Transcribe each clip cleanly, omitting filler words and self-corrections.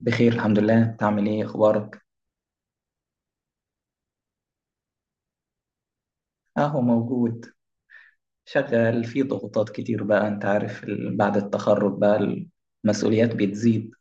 بخير الحمد لله، انت عامل ايه؟ اخبارك؟ اهو موجود. شغال في ضغوطات كتير، بقى انت عارف بعد التخرج بقى، المسؤوليات بتزيد.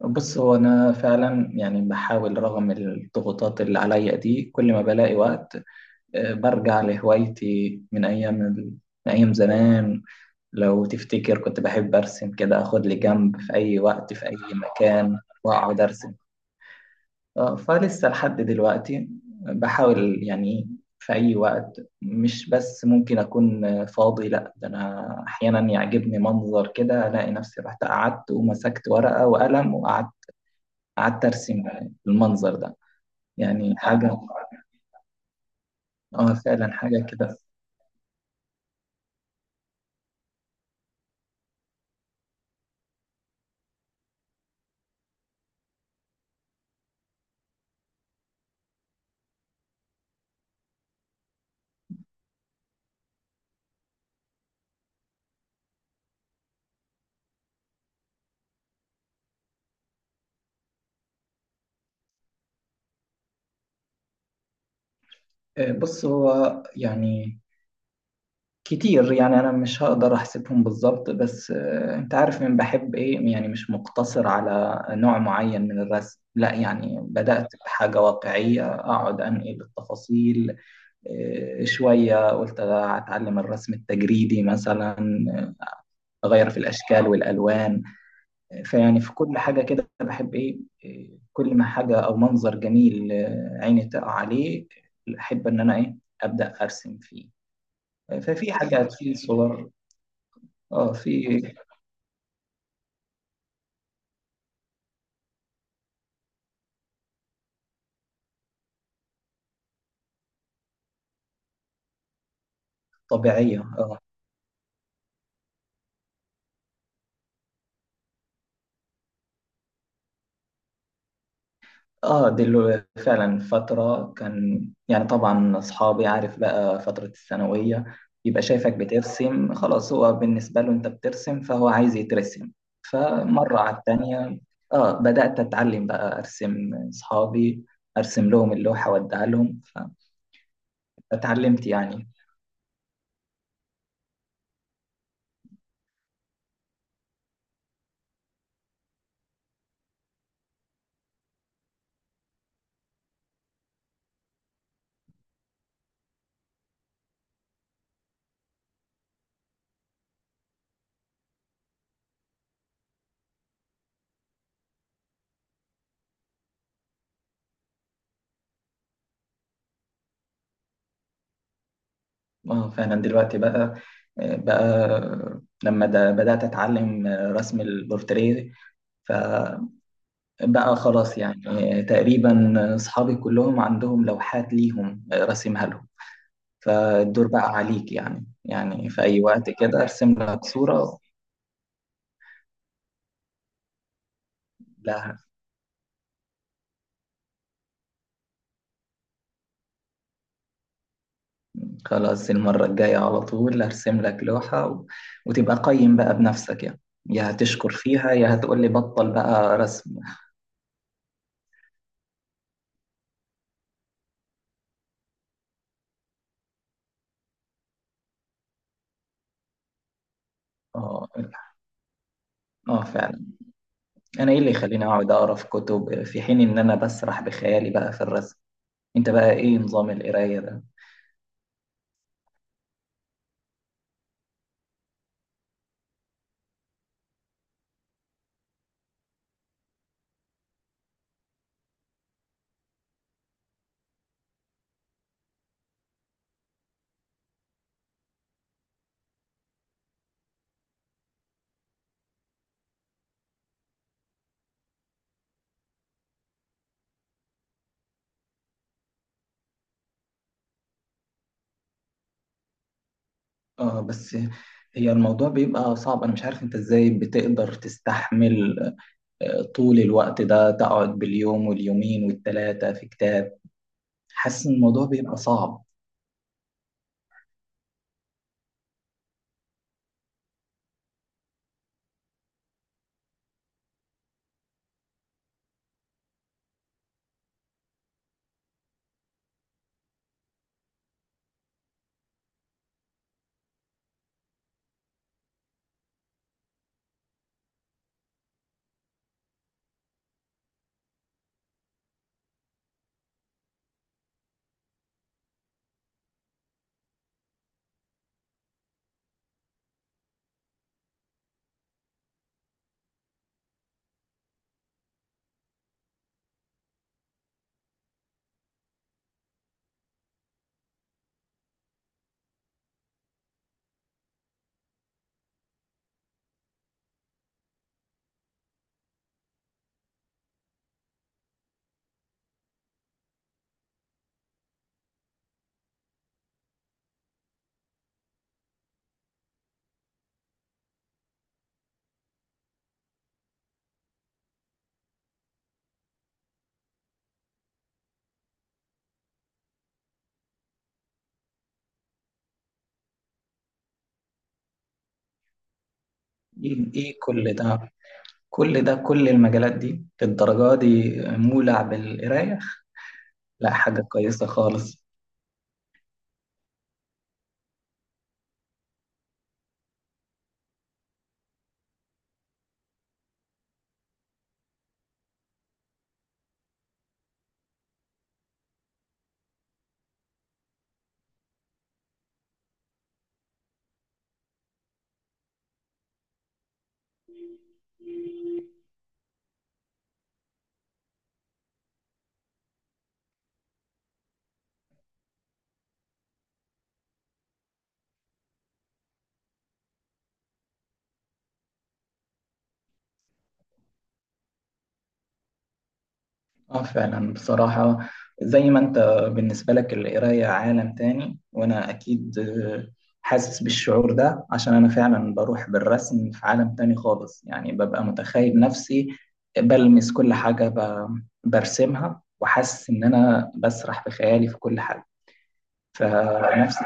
بص هو انا فعلا يعني بحاول رغم الضغوطات اللي عليا دي، كل ما بلاقي وقت برجع لهوايتي من ايام زمان. لو تفتكر كنت بحب ارسم، كده اخد لي جنب في اي وقت في اي مكان واقعد ارسم. فلسه لحد دلوقتي، بحاول يعني. في أي وقت، مش بس ممكن أكون فاضي، لأ، ده أنا أحيانا يعجبني منظر كده ألاقي نفسي رحت قعدت ومسكت ورقة وقلم وقعدت، أرسم المنظر ده، يعني حاجة. آه فعلا حاجة كده. بص هو يعني كتير، يعني انا مش هقدر احسبهم بالظبط، بس انت عارف من بحب ايه، يعني مش مقتصر على نوع معين من الرسم، لا يعني بدأت بحاجة واقعية اقعد انقل التفاصيل. شوية قلت اتعلم الرسم التجريدي مثلا، اغير في الاشكال والالوان. فيعني في كل حاجة كده بحب ايه، كل ما حاجة او منظر جميل عيني تقع عليه، احب ان انا ايه، ابدأ ارسم فيه. ففي حاجات في صور. اه في. طبيعية اه. اه دي اللي فعلا فترة كان، يعني طبعا أصحابي عارف بقى فترة الثانوية يبقى شايفك بترسم، خلاص هو بالنسبة له أنت بترسم فهو عايز يترسم. فمرة على التانية اه بدأت أتعلم بقى أرسم أصحابي، أرسم لهم اللوحة وأديها لهم، فاتعلمت يعني. اه فعلا دلوقتي بقى، لما ده بدأت أتعلم رسم البورتريه، ف بقى خلاص يعني. تقريبا أصحابي كلهم عندهم لوحات ليهم، راسمها لهم، فالدور بقى عليك يعني في أي وقت كده أرسم لك صورة. لا خلاص، المرة الجاية على طول أرسم لك لوحة، و... وتبقى قيم بقى بنفسك يعني، يا هتشكر فيها يا هتقول لي بطل بقى رسم. اه اه فعلا، انا ايه اللي يخليني اقعد اقرا في كتب في حين ان انا بسرح بخيالي بقى في الرسم؟ انت بقى ايه نظام القراية ده؟ اه بس هي الموضوع بيبقى صعب، انا مش عارف انت ازاي بتقدر تستحمل طول الوقت ده، تقعد باليوم واليومين والتلاتة في كتاب، حاسس ان الموضوع بيبقى صعب. ايه كل ده، كل ده، كل المجالات دي الدرجة دي مولع بالقراية؟ لا حاجة كويسة خالص. اه فعلا بصراحة، زي ما انت بالنسبة لك القراية عالم تاني، وانا اكيد حاسس بالشعور ده عشان انا فعلا بروح بالرسم في عالم تاني خالص، يعني ببقى متخيل نفسي بلمس كل حاجة برسمها وحاسس ان انا بسرح في خيالي في كل حاجة. فنفس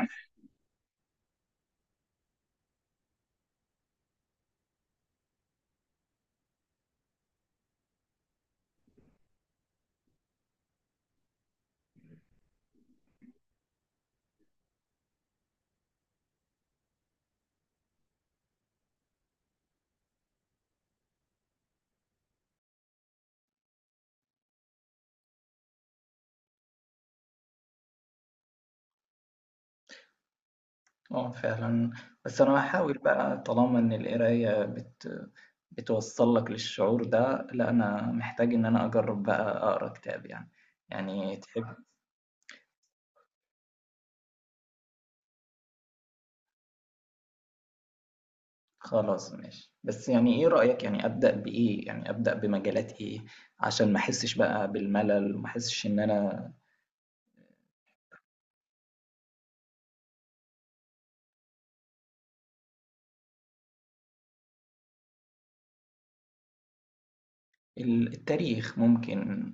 آه فعلًا، بس أنا هاحاول بقى، طالما إن القراية بتوصّل لك للشعور ده، لأ أنا محتاج إن أنا أجرّب بقى أقرا كتاب يعني، يعني تحب. خلاص ماشي، بس يعني إيه رأيك، يعني أبدأ بإيه؟ يعني أبدأ بمجالات إيه؟ عشان ما أحسّش بقى بالملل وما أحسّش إن أنا. التاريخ ممكن،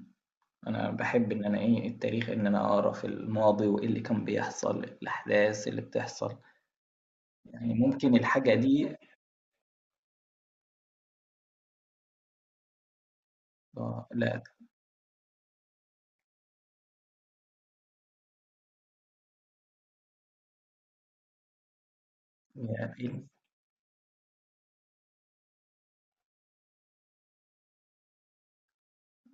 أنا باحب إن أنا إيه، التاريخ، إن أنا أقرا في الماضي وإيه اللي كان بيحصل، الأحداث اللي بتحصل، يعني ممكن الحاجة دي. لأ. يا إيه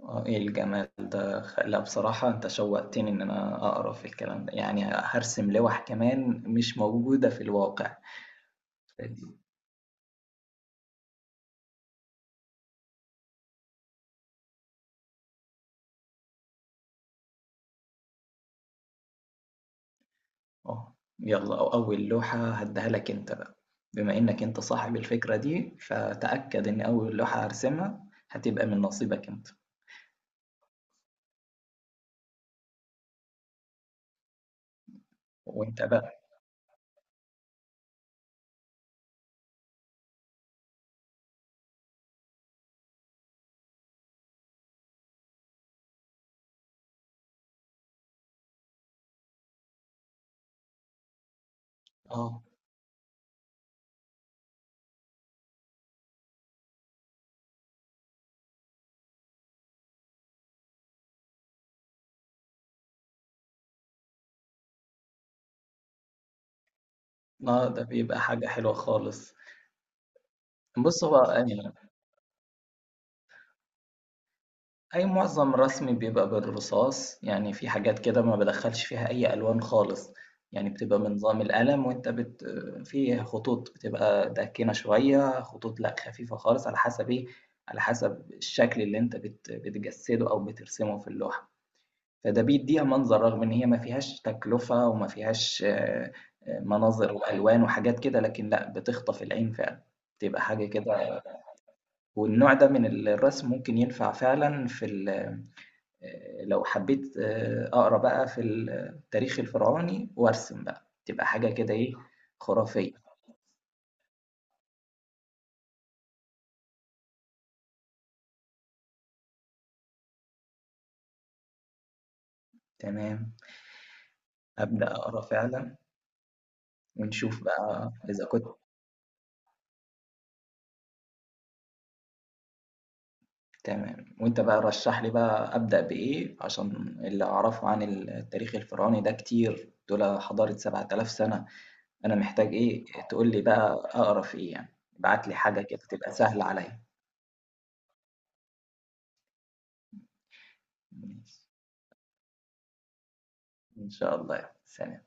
آه، إيه الجمال ده. لا بصراحة أنت شوقتني إن أنا أقرأ في الكلام ده، يعني هرسم لوح كمان مش موجودة في الواقع، فدي. أه يلا، أو أول لوحة هديها لك أنت بقى، بما إنك أنت صاحب الفكرة دي فتأكد إن أول لوحة هرسمها هتبقى من نصيبك أنت. وأنت بقى. أه. ده بيبقى حاجة حلوة خالص. بص هو، أي معظم رسمي بيبقى بالرصاص، يعني في حاجات كده ما بادخّلش فيها أي ألوان خالص، يعني بتبقى من نظام القلم، وأنت في خطوط بتبقى داكنة شوية، خطوط لأ خفيفة خالص، على حسب إيه، على حسب الشكل اللي أنت بتجسّده أو بترسمه في اللوحة، فده بيدّيها منظر، رغم إن هي ما فيهاش تكلفة وما فيهاش مناظر وألوان وحاجات كده، لكن لأ بتخطف العين فعلًا، بتبقى حاجة كده. والنوع ده من الرسم ممكن ينفع فعلًا في ال لو حبيت أقرا بقى في التاريخ الفرعوني وأرسم بقى، تبقى حاجة كده إيه، خرافية. تمام، أبدأ أقرا فعلًا ونشوف بقى إذا كنت. تمام، وأنت بقى رشّح لي بقى أبدأ بإيه، عشان اللي أعرفه عن التاريخ الفرعوني ده كتير، دول حضارة 7,000 سنة، أنا محتاج إيه، تقول لي بقى أقرا في إيه يعني، ابعت لي حاجة كده تبقى سهلة عليّا. ماشي، إن شاء الله، سلام.